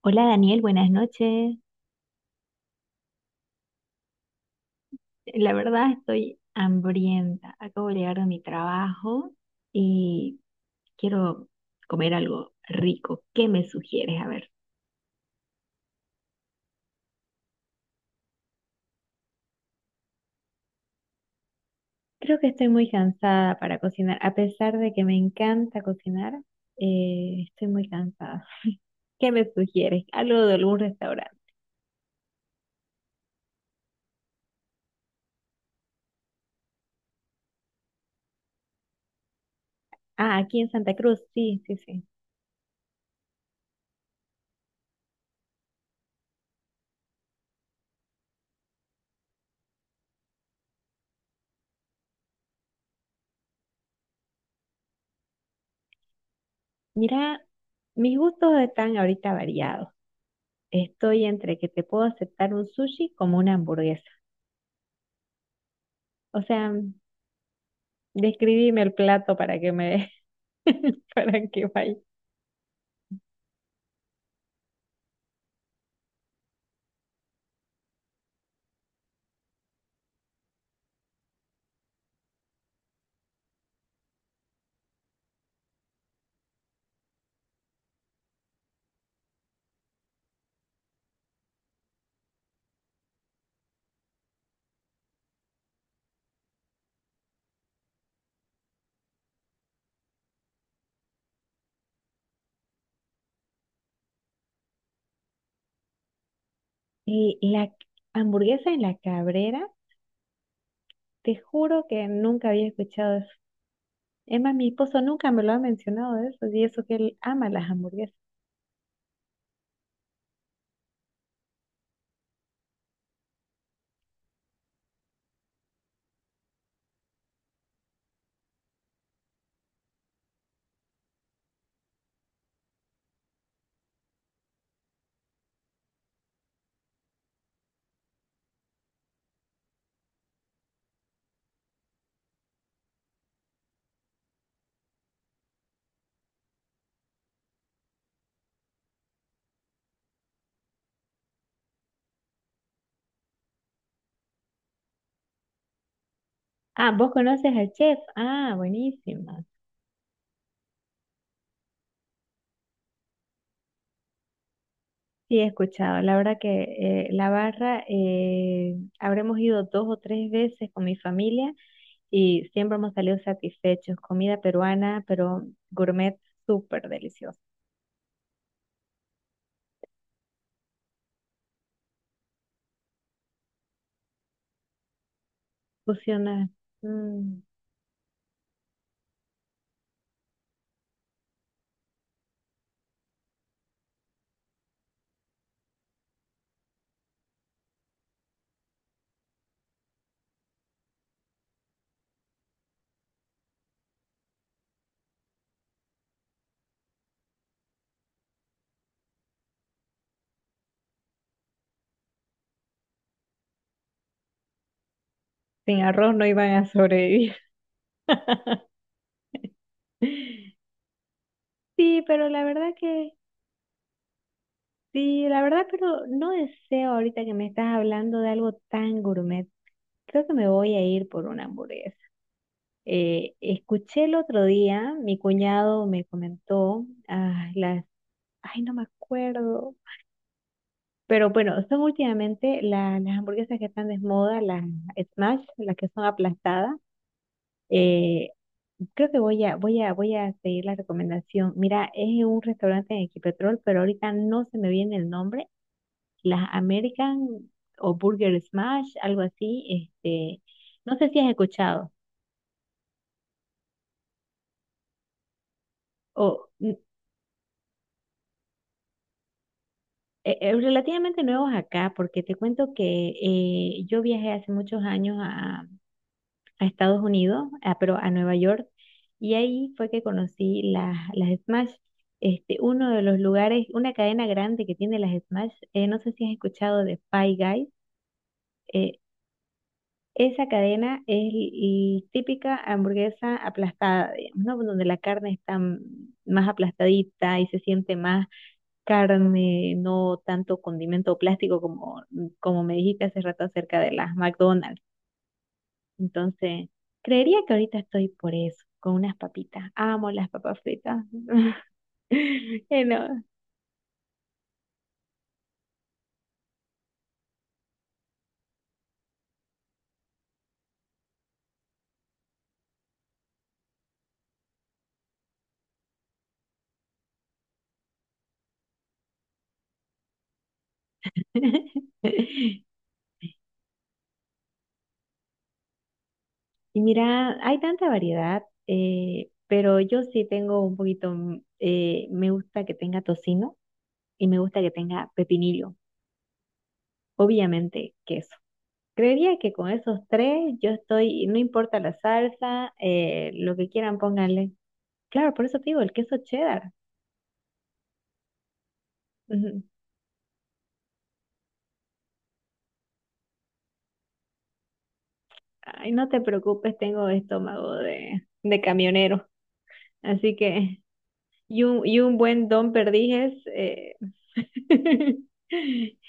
Hola Daniel, buenas noches. La verdad estoy hambrienta. Acabo de llegar de mi trabajo y quiero comer algo rico. ¿Qué me sugieres? A ver. Creo que estoy muy cansada para cocinar. A pesar de que me encanta cocinar, estoy muy cansada. ¿Qué me sugieres? Algo de algún restaurante. Ah, aquí en Santa Cruz. Sí, sí, sí. Mira, mis gustos están ahorita variados. Estoy entre que te puedo aceptar un sushi como una hamburguesa. O sea, describime el plato para que me para que vaya. Y la hamburguesa en la Cabrera, te juro que nunca había escuchado eso. Es más, mi esposo nunca me lo ha mencionado eso, y eso que él ama las hamburguesas. Ah, ¿vos conoces al chef? Ah, buenísima. Sí, he escuchado. La verdad que la barra, habremos ido dos o tres veces con mi familia y siempre hemos salido satisfechos. Comida peruana, pero gourmet súper deliciosa. Fusionar. Mm, sin arroz no iban a sobrevivir. Sí, pero la verdad que, sí, la verdad, pero no deseo ahorita que me estás hablando de algo tan gourmet. Creo que me voy a ir por una hamburguesa. Escuché el otro día, mi cuñado me comentó, ah, las, ay, no me acuerdo, pero bueno, son últimamente las hamburguesas que están de moda, las smash, las que son aplastadas. Eh, creo que voy a seguir la recomendación. Mira, es un restaurante en Equipetrol, pero ahorita no se me viene el nombre. Las American o Burger Smash, algo así. Este, no sé si has escuchado. O mm, relativamente nuevos acá, porque te cuento que yo viajé hace muchos años a Estados Unidos, a- pero a Nueva York, y ahí fue que conocí las Smash. Este, uno de los lugares, una cadena grande que tiene las Smash, no sé si has escuchado de Five Guys, eh, esa cadena es típica hamburguesa aplastada, digamos, ¿no? Donde la carne está mm, más aplastadita y se siente más carne, no tanto condimento plástico como, como me dijiste hace rato acerca de las McDonald's. Entonces, creería que ahorita estoy por eso, con unas papitas. Amo las papas fritas. No. Y mira, hay tanta variedad, pero yo sí tengo un poquito, mm, me gusta que tenga tocino y me gusta que tenga pepinillo, obviamente queso. Creería que con esos tres yo estoy, no importa la salsa, lo que quieran pónganle. Claro, por eso te digo, el queso cheddar. Ay, no te preocupes, tengo estómago de camionero. Así que, y un buen don perdiges.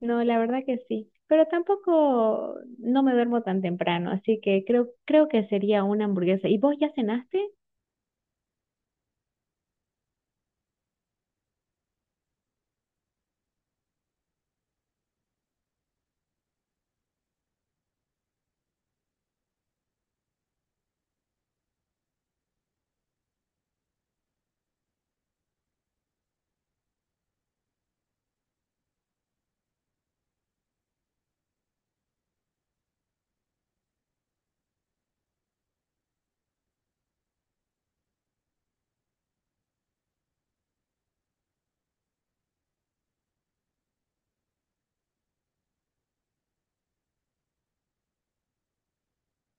No, la verdad que sí. Pero tampoco no me duermo tan temprano, así que creo que sería una hamburguesa. ¿Y vos ya cenaste?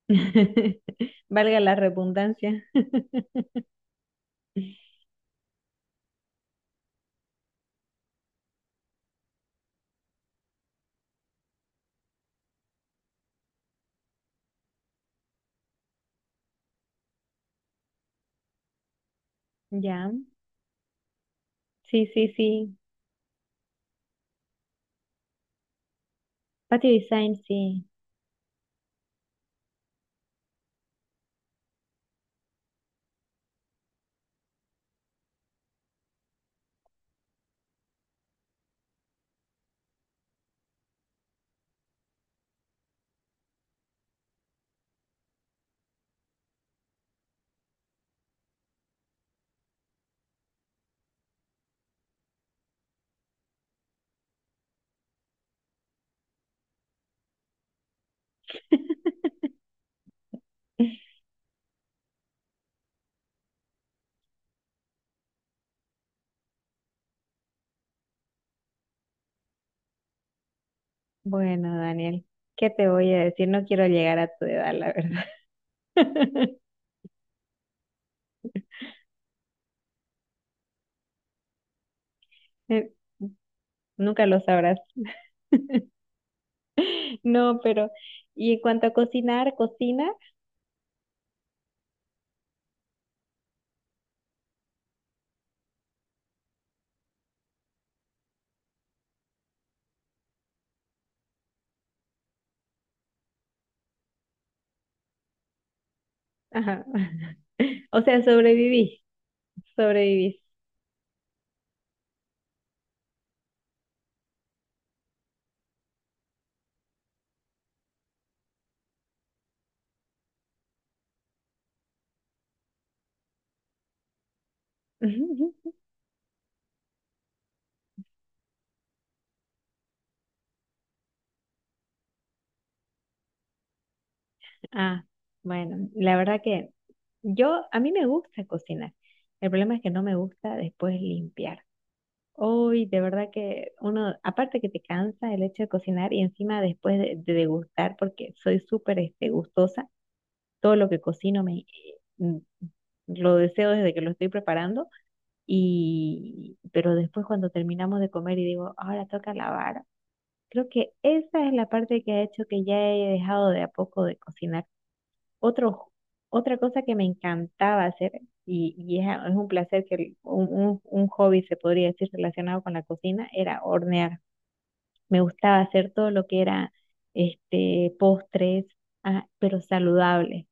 Valga la redundancia. Ya. Sí, sí, sí. Patio Design, sí. Bueno, Daniel, ¿qué te voy a decir? No quiero llegar a tu edad, la verdad. Nunca lo sabrás. No, pero y en cuanto a cocinar, cocina, ajá. O sea, sobreviví, sobreviví. Ah, bueno, la verdad que yo, a mí me gusta cocinar. El problema es que no me gusta después limpiar. Hoy, de verdad que uno, aparte que te cansa el hecho de cocinar y encima después de degustar, porque soy súper este, gustosa, todo lo que cocino me, mm, lo deseo desde que lo estoy preparando. Y, pero después cuando terminamos de comer y digo, ahora toca lavar, creo que esa es la parte que ha hecho que ya he dejado de a poco de cocinar. Otro, otra cosa que me encantaba hacer, es un placer que, un hobby se podría decir relacionado con la cocina, era hornear. Me gustaba hacer todo lo que era este, postres, ah, pero saludable.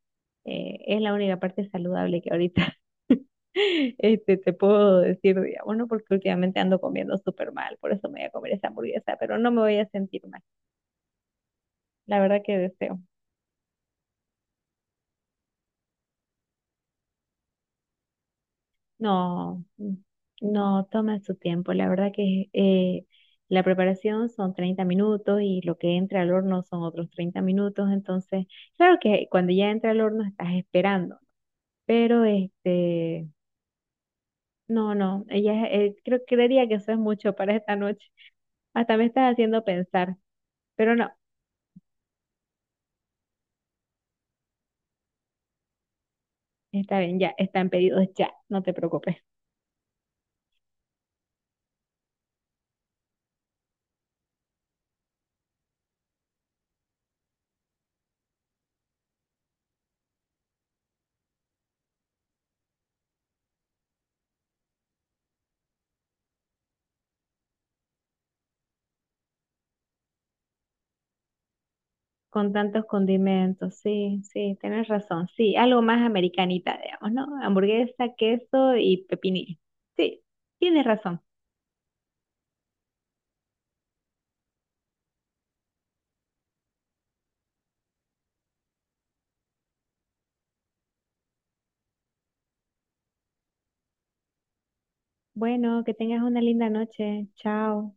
Es la única parte saludable que ahorita este, te puedo decir, digamos, ¿no? Porque últimamente ando comiendo súper mal, por eso me voy a comer esa hamburguesa, pero no me voy a sentir mal. La verdad que deseo. No, mm, no, toma su tiempo. La verdad que la preparación son 30 minutos y lo que entra al horno son otros 30 minutos. Entonces, claro que cuando ya entra al horno estás esperando. Pero este, no, no, ella creo, creería que eso es mucho para esta noche. Hasta me estás haciendo pensar, pero no, está bien, ya, están pedidos ya, no te preocupes. Con tantos condimentos, sí, sí, tienes razón, sí, algo más americanita, digamos, ¿no? Hamburguesa, queso y pepinillo. Sí, tienes razón. Bueno, que tengas una linda noche, chao.